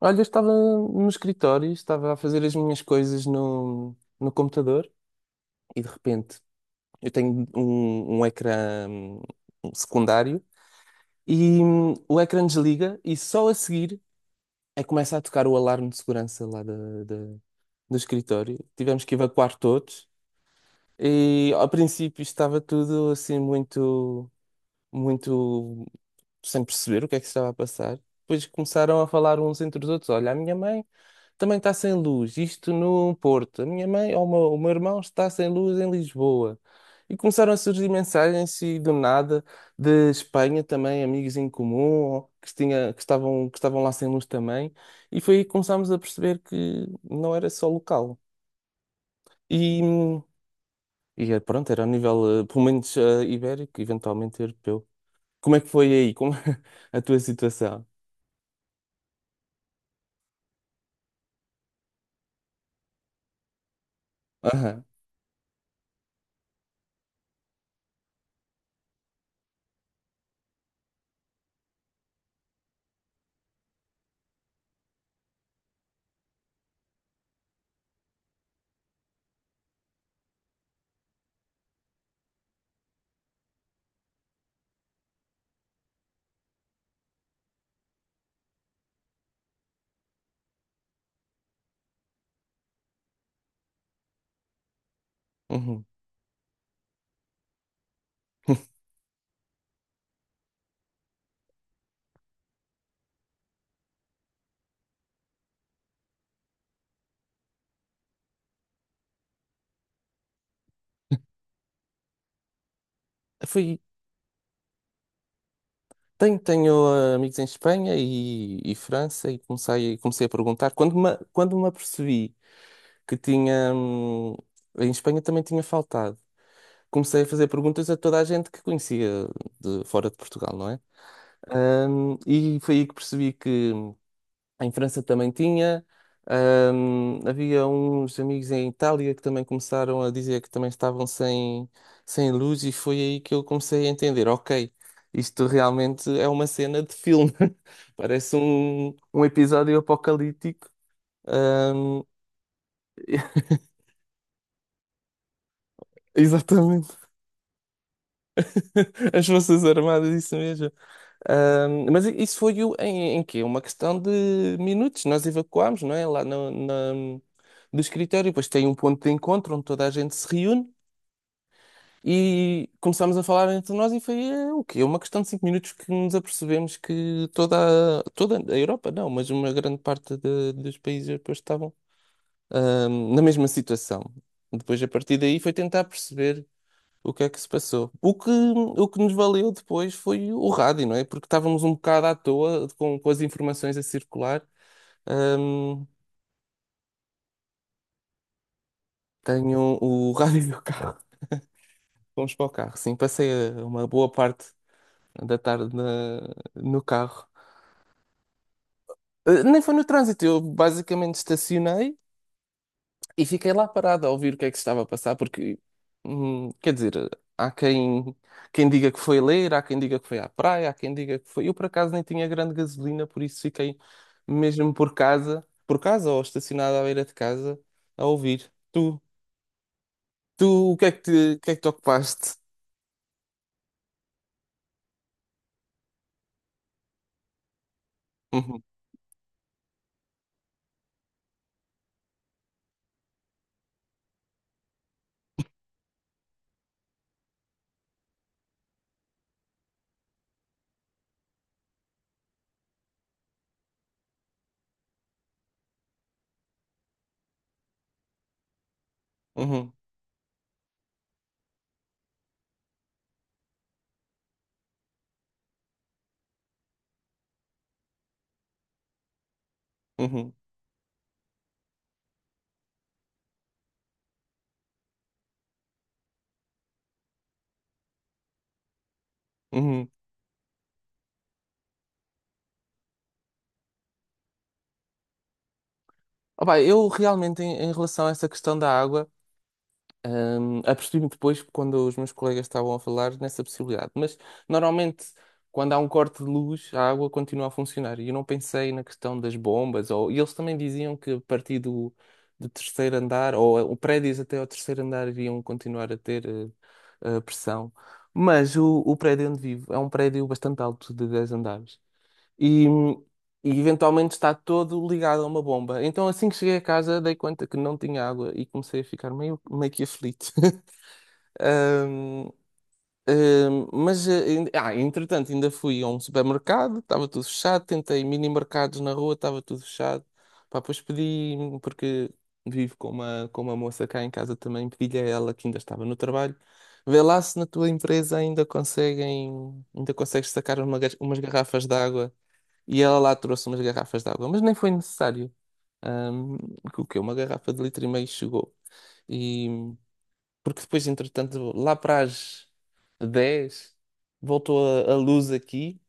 Olha, eu estava no escritório, estava a fazer as minhas coisas no computador e de repente eu tenho um ecrã secundário e o ecrã desliga e só a seguir é que começa a tocar o alarme de segurança lá do escritório. Tivemos que evacuar todos e ao princípio estava tudo assim muito sem perceber o que é que se estava a passar. Depois começaram a falar uns entre os outros. Olha, a minha mãe também está sem luz, isto no Porto. A minha mãe ou o meu irmão está sem luz em Lisboa. E começaram a surgir mensagens e do nada de Espanha também, amigos em comum, que estavam lá sem luz também. E foi aí que começámos a perceber que não era só local. E, e é, pronto, era a nível, pelo menos, ibérico, eventualmente europeu. Como é que foi aí? Como a tua situação? Aham. Uhum. Foi. Tenho, tenho amigos em Espanha e França e comecei a perguntar. Quando me apercebi que tinha, em Espanha também tinha faltado, comecei a fazer perguntas a toda a gente que conhecia de fora de Portugal, não é? E foi aí que percebi que em França também tinha. Havia uns amigos em Itália que também começaram a dizer que também estavam sem luz, e foi aí que eu comecei a entender: ok, isto realmente é uma cena de filme, parece um episódio apocalíptico. Ahm, exatamente, as Forças Armadas, isso mesmo. Mas isso foi o- em, em quê? Uma questão de minutos. Nós evacuámos, não é? Lá no, na- do escritório. Depois tem um ponto de encontro onde toda a gente se reúne e começámos a falar entre nós e foi o quê? Uma questão de cinco minutos que nos apercebemos que toda, a- toda a Europa, não, mas uma grande parte de- dos países europeus estavam, na mesma situação. Depois, a partir daí, foi tentar perceber o que é que se passou? O que nos valeu depois foi o rádio, não é? Porque estávamos um bocado à toa com as informações a circular. Ahm, tenho o rádio do carro. Fomos para o carro, sim. Passei uma boa parte da tarde no carro. Nem foi no trânsito, eu basicamente estacionei e fiquei lá parado a ouvir o que é que se estava a passar, porque, quer dizer, há quem diga que foi ler, há quem diga que foi à praia, há quem diga que foi. Eu, por acaso, nem tinha grande gasolina, por isso fiquei mesmo por casa ou estacionado à beira de casa, a ouvir. Tu, o que é que o que é que te ocupaste? Uhum, uhum, uhum, uhum. Opa, eu realmente, em relação a essa questão da água. Apercebi-me depois quando os meus colegas estavam a falar nessa possibilidade. Mas normalmente, quando há um corte de luz, a água continua a funcionar. E eu não pensei na questão das bombas. Ou... E eles também diziam que a partir do terceiro andar, ou o prédios até ao terceiro andar, iriam continuar a ter pressão. Mas o prédio onde vivo é um prédio bastante alto, de 10 andares e, e eventualmente está todo ligado a uma bomba. Então assim que cheguei a casa dei conta que não tinha água e comecei a ficar meio que aflito. Mas entretanto, ainda fui a um supermercado, estava tudo fechado, tentei mini mercados na rua, estava tudo fechado. Pá, depois pedi, porque vivo com com uma moça cá em casa também, pedi-lhe a ela que ainda estava no trabalho. Vê lá se na tua empresa ainda ainda consegues sacar umas garrafas de água e ela lá trouxe umas garrafas de água, mas nem foi necessário. Ahm, que o quê? Uma garrafa de litro e meio chegou. E porque depois, entretanto, lá para as 10 voltou a luz aqui,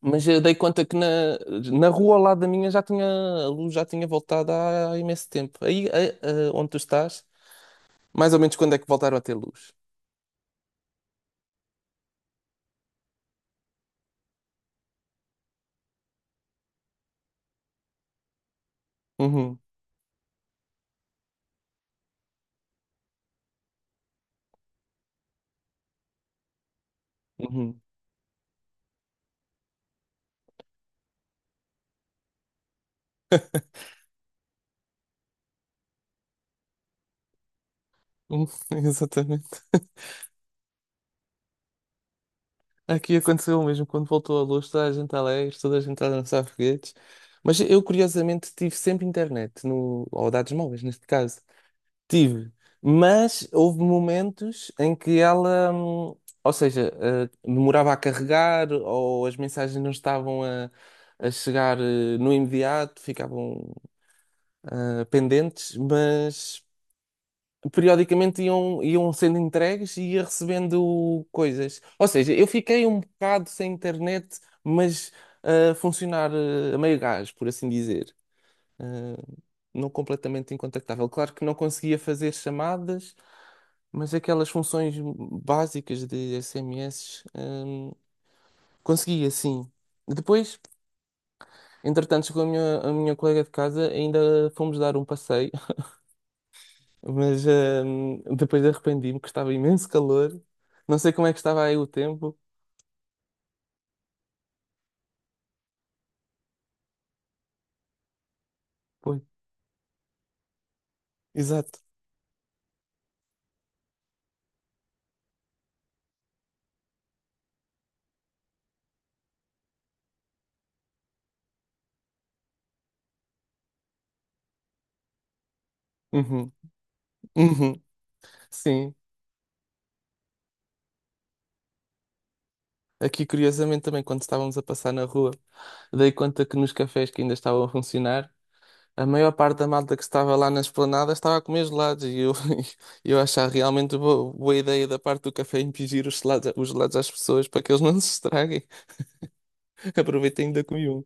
mas eu dei conta que na rua ao lado da minha já tinha, a luz já tinha voltado há imenso tempo. Aí, onde tu estás, mais ou menos quando é que voltaram a ter luz? Uhum, uhum, uhum, exatamente. Aqui aconteceu o mesmo, quando voltou a luz, toda a gente alegre, toda a gente a dançar foguetes. Mas eu, curiosamente, tive sempre internet, no, ou dados móveis, neste caso. Tive. Mas houve momentos em que ela, ou seja, demorava a carregar, ou as mensagens não estavam a chegar no imediato, ficavam pendentes, mas periodicamente iam sendo entregues e ia recebendo coisas. Ou seja, eu fiquei um bocado sem internet, mas a funcionar a meio gás, por assim dizer. Eh, não completamente incontactável. Claro que não conseguia fazer chamadas, mas aquelas funções básicas de SMS, conseguia sim. Depois, entretanto, chegou a a minha colega de casa, ainda fomos dar um passeio. Mas depois arrependi-me que estava imenso calor. Não sei como é que estava aí o tempo. Foi. Exato. Uhum. Uhum. Sim. Aqui, curiosamente, também, quando estávamos a passar na rua, dei conta que nos cafés que ainda estavam a funcionar, a maior parte da malta que estava lá na esplanada estava a comer gelados. E eu, eu achava realmente boa ideia da parte do café impingir os gelados às pessoas para que eles não se estraguem. aproveitei e ainda comi um.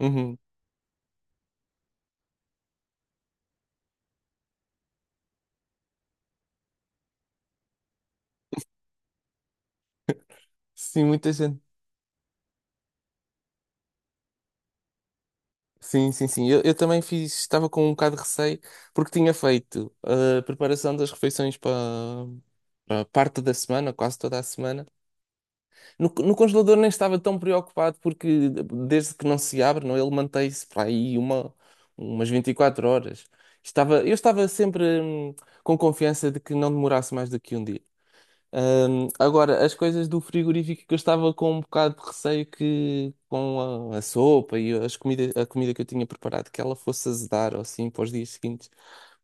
Uhum. Sim, muita gente. Sim, sim, sim. Eu também fiz, estava com um bocado de receio, porque tinha feito a preparação das refeições para parte da semana, quase toda a semana. No congelador nem estava tão preocupado, porque desde que não se abre, não, ele mantém-se para aí umas 24 horas. Estava, eu estava sempre com confiança de que não demorasse mais do que um dia. Agora, as coisas do frigorífico que eu estava com um bocado de receio que com a sopa e as a comida que eu tinha preparado que ela fosse azedar ou assim para os dias seguintes,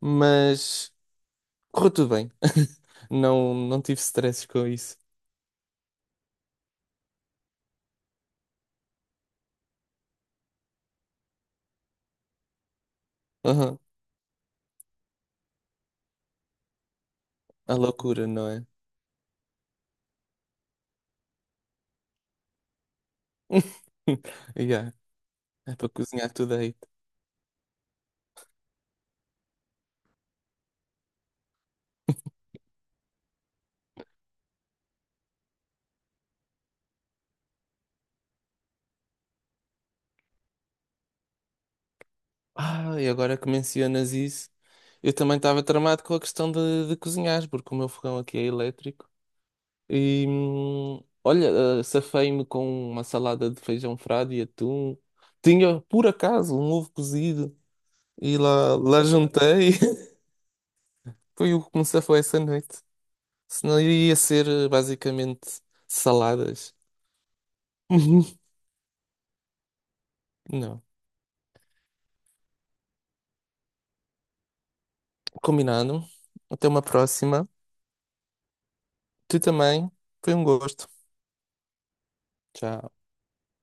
mas correu tudo bem. Não, não tive stresses com isso. Aham. A loucura, não é? Yeah. É para cozinhar tudo aí. Ah, e agora que mencionas isso, eu também estava tramado com a questão de cozinhar, porque o meu fogão aqui é elétrico. E olha, safei-me com uma salada de feijão frade e atum. Tinha, por acaso, um ovo cozido e lá juntei. Foi o que me safou essa noite. Senão eu ia ser basicamente saladas. Uhum. Não. Combinado. Até uma próxima. Tu também. Foi um gosto. Tchau.